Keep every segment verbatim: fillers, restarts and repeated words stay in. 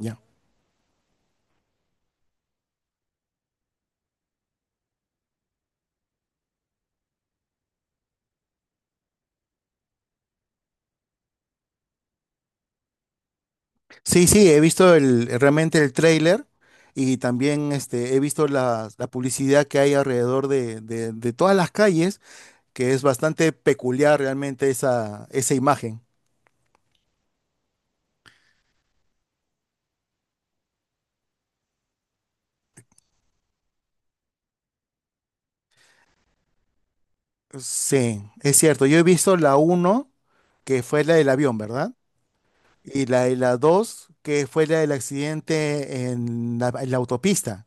Ya. Sí, sí, he visto el, realmente el tráiler y también este, he visto la, la publicidad que hay alrededor de, de- de todas las calles, que es bastante peculiar realmente esa, esa imagen. Sí, es cierto. Yo he visto la uno que fue la del avión, ¿verdad? Y la de la dos que fue la del accidente en la, en la autopista.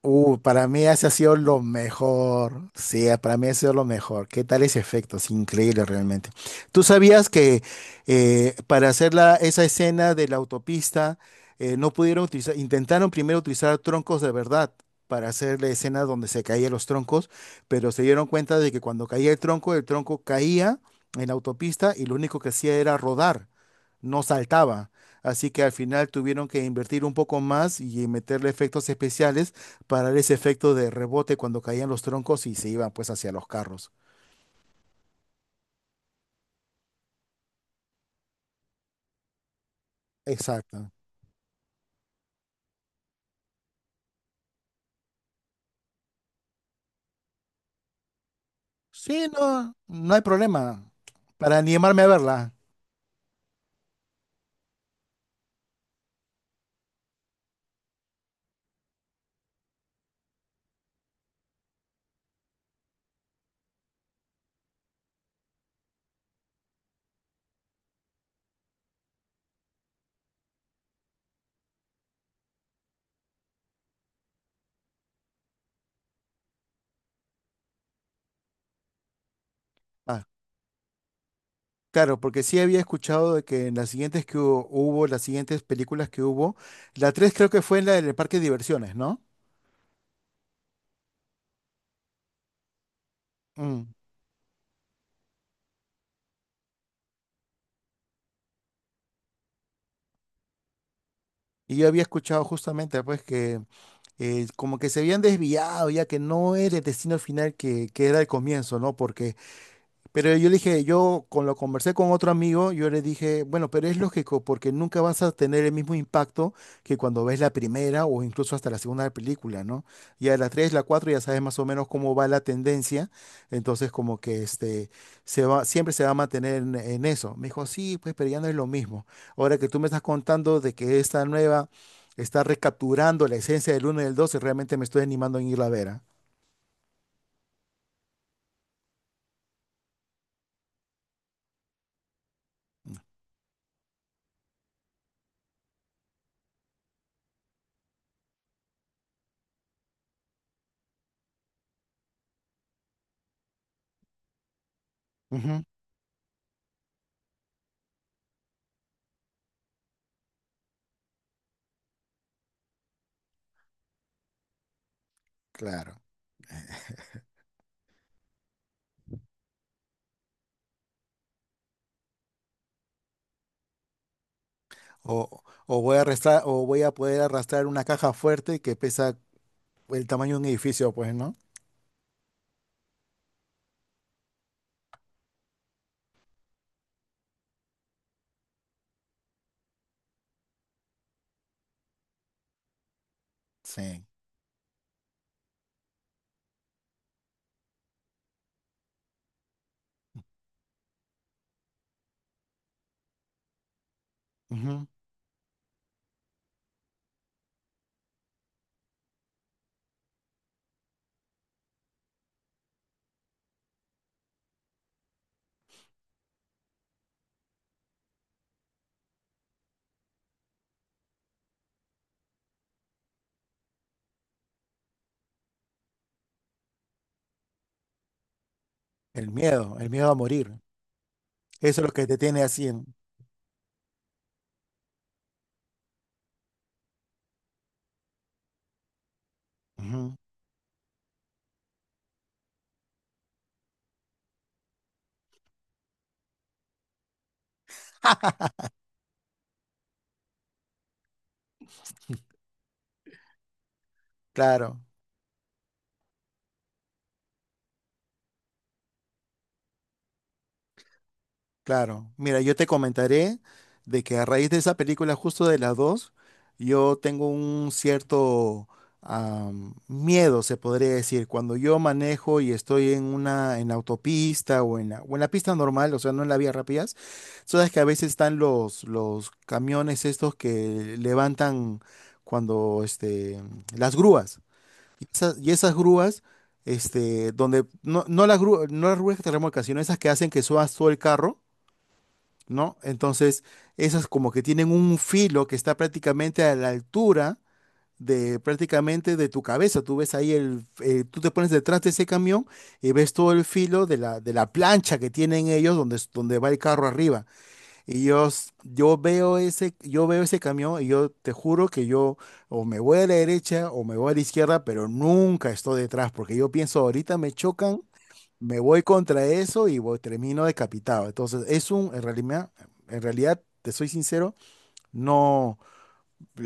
Uh, para mí ese ha sido lo mejor. Sí, ah, para mí ha sido lo mejor. ¿Qué tal ese efecto? Es increíble realmente. ¿Tú sabías que eh, para hacer la- esa escena de la autopista eh, no pudieron utilizar, intentaron primero utilizar troncos de verdad para hacer la escena donde se caían los troncos, pero se dieron cuenta de que cuando caía el tronco, el tronco caía en la autopista y lo único que hacía era rodar, no saltaba. Así que al final tuvieron que invertir un poco más y meterle efectos especiales para ese efecto de rebote cuando caían los troncos y se iban pues hacia los carros. Exacto. Sí, no, no hay problema. Para animarme a verla. Ah, claro, porque sí había escuchado de que en las siguientes que hu- hubo, las siguientes películas que hubo, la tres creo que fue en la del parque de diversiones, ¿no? Mm. Y yo había escuchado justamente pues que eh, como que se habían desviado, ya que no era el destino final que, que era el comienzo, ¿no? Porque pero yo le dije, yo con lo conversé con otro amigo, yo le dije, bueno, pero es lógico, porque nunca vas a tener el mismo impacto que cuando ves la primera o incluso hasta la segunda película, ¿no? Ya la tres, la cuatro, ya sabes más o menos cómo va la tendencia, entonces como que este, se va, siempre se va a mantener en, en eso. Me dijo, sí, pues, pero ya no es lo mismo. Ahora que tú me estás contando de que esta nueva está recapturando la esencia del uno y del dos, realmente me estoy animando en ir a ver, ¿ah? Ujú, claro. O, o voy a arrastrar, o voy a poder arrastrar una caja fuerte que pesa el tamaño de un edificio, pues, ¿no? Sí. Ujú. El miedo, el miedo a morir. Eso es lo que te tiene así. en- Ujú. Claro. Claro, mira, yo te comentaré de que a raíz de esa película, justo de las dos, yo tengo un cierto am, miedo, se podría decir, cuando yo manejo y estoy en una en la autopista o en la, o en la pista normal, o sea, no en la vía rápidas, sabes que a veces están los los camiones estos que levantan cuando este las grúas y esas, y esas grúas este donde no no las grúas no las grúas que te remolcan, sino esas que hacen que subas todo el carro, ¿no? Entonces, esas como que tienen un filo que está prácticamente a la altura de prácticamente de tu cabeza. Tú ves ahí el, eh, tú te pones detrás de ese camión y ves todo el filo de la, de la plancha que tienen ellos donde, es- donde va el carro arriba. Y yo, s- yo veo ese, yo veo ese camión y yo te juro que yo o me voy a la derecha o me voy a la izquierda, pero nunca estoy detrás porque yo pienso ahorita me chocan, me voy contra eso y voy- termino decapitado. Entonces, es un, en realidad, en realidad, te soy sincero, no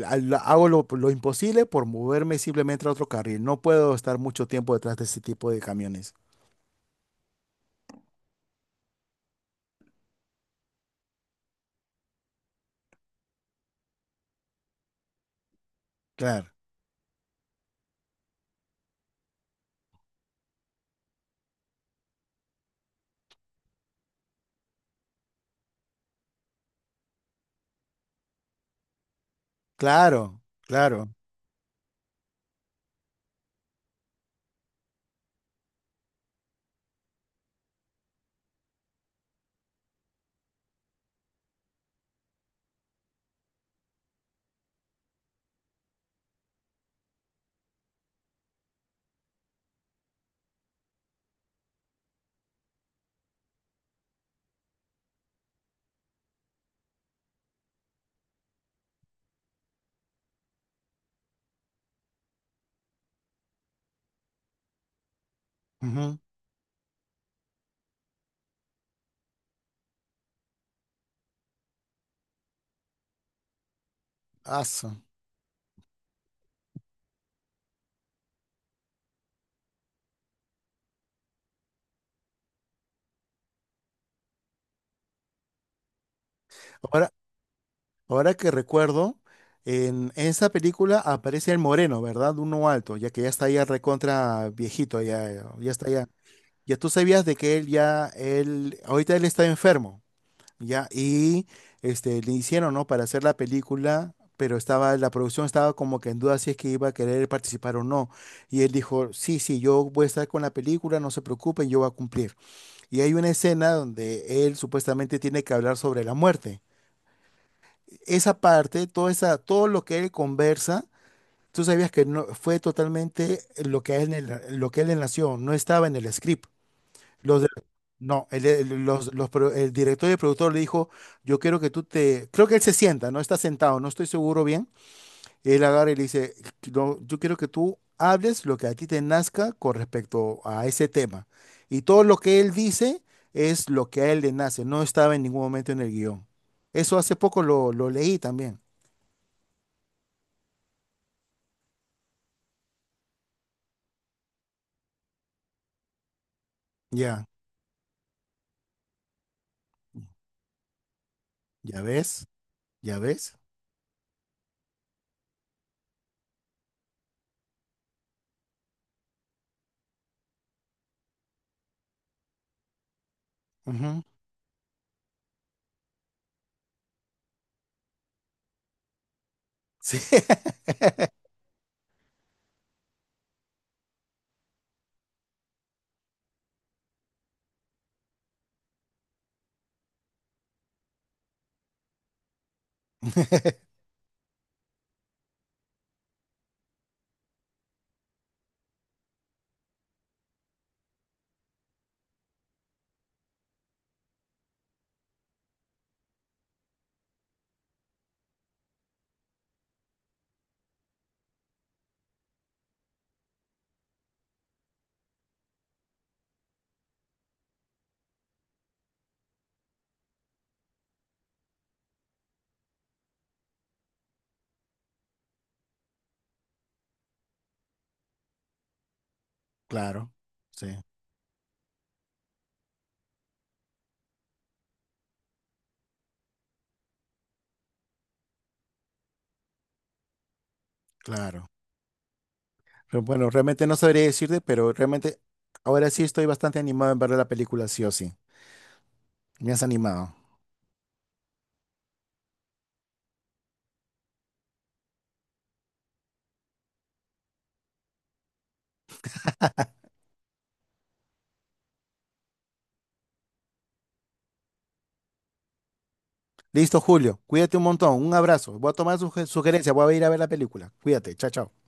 al- hago lo, lo imposible por moverme simplemente a otro carril. No puedo estar mucho tiempo detrás de ese tipo de camiones. Claro, claro, claro. Ujú. Aso. Ahora, ahora que recuerdo, en esa película aparece el moreno, ¿verdad? Uno alto, ya que ya está ya recontra viejito, ya, ya está ya. Ya tú sabías de que él ya, él, ahorita él está enfermo. Ya, y este, le hicieron, ¿no? Para hacer la película, pero estaba, la producción estaba como que en duda si es que iba a querer participar o no. Y él dijo, sí, sí, yo voy a estar con la película, no se preocupen, yo voy a cumplir. Y hay una escena donde él supuestamente tiene que hablar sobre la muerte. Esa parte, toda esa, todo lo que él conversa, tú sabías que no, fue totalmente lo que a él, le- lo que a él le nació, no estaba en el script. Los de- no, el, el- los, los pro- el director y el productor le dijo, yo quiero que tú te... Creo que él se sienta, no está sentado, no estoy seguro bien. Él agarra y le dice: "No, yo quiero que tú hables lo que a ti te nazca con respecto a ese tema". Y todo lo que él dice es lo que a él le nace, no estaba en ningún momento en el guión. Eso hace poco lo, lo leí también. Ya, ya ves, ya ves. Ujú, sí. Claro, sí, claro. Pero bueno, realmente no sabría decirte, pero realmente ahora sí estoy bastante animado en ver la película, sí o sí. Me has animado. Listo, Julio. Cuídate un montón. Un abrazo. Voy a tomar su sugerencia. Voy a ir a ver la película. Cuídate. Chao, chao.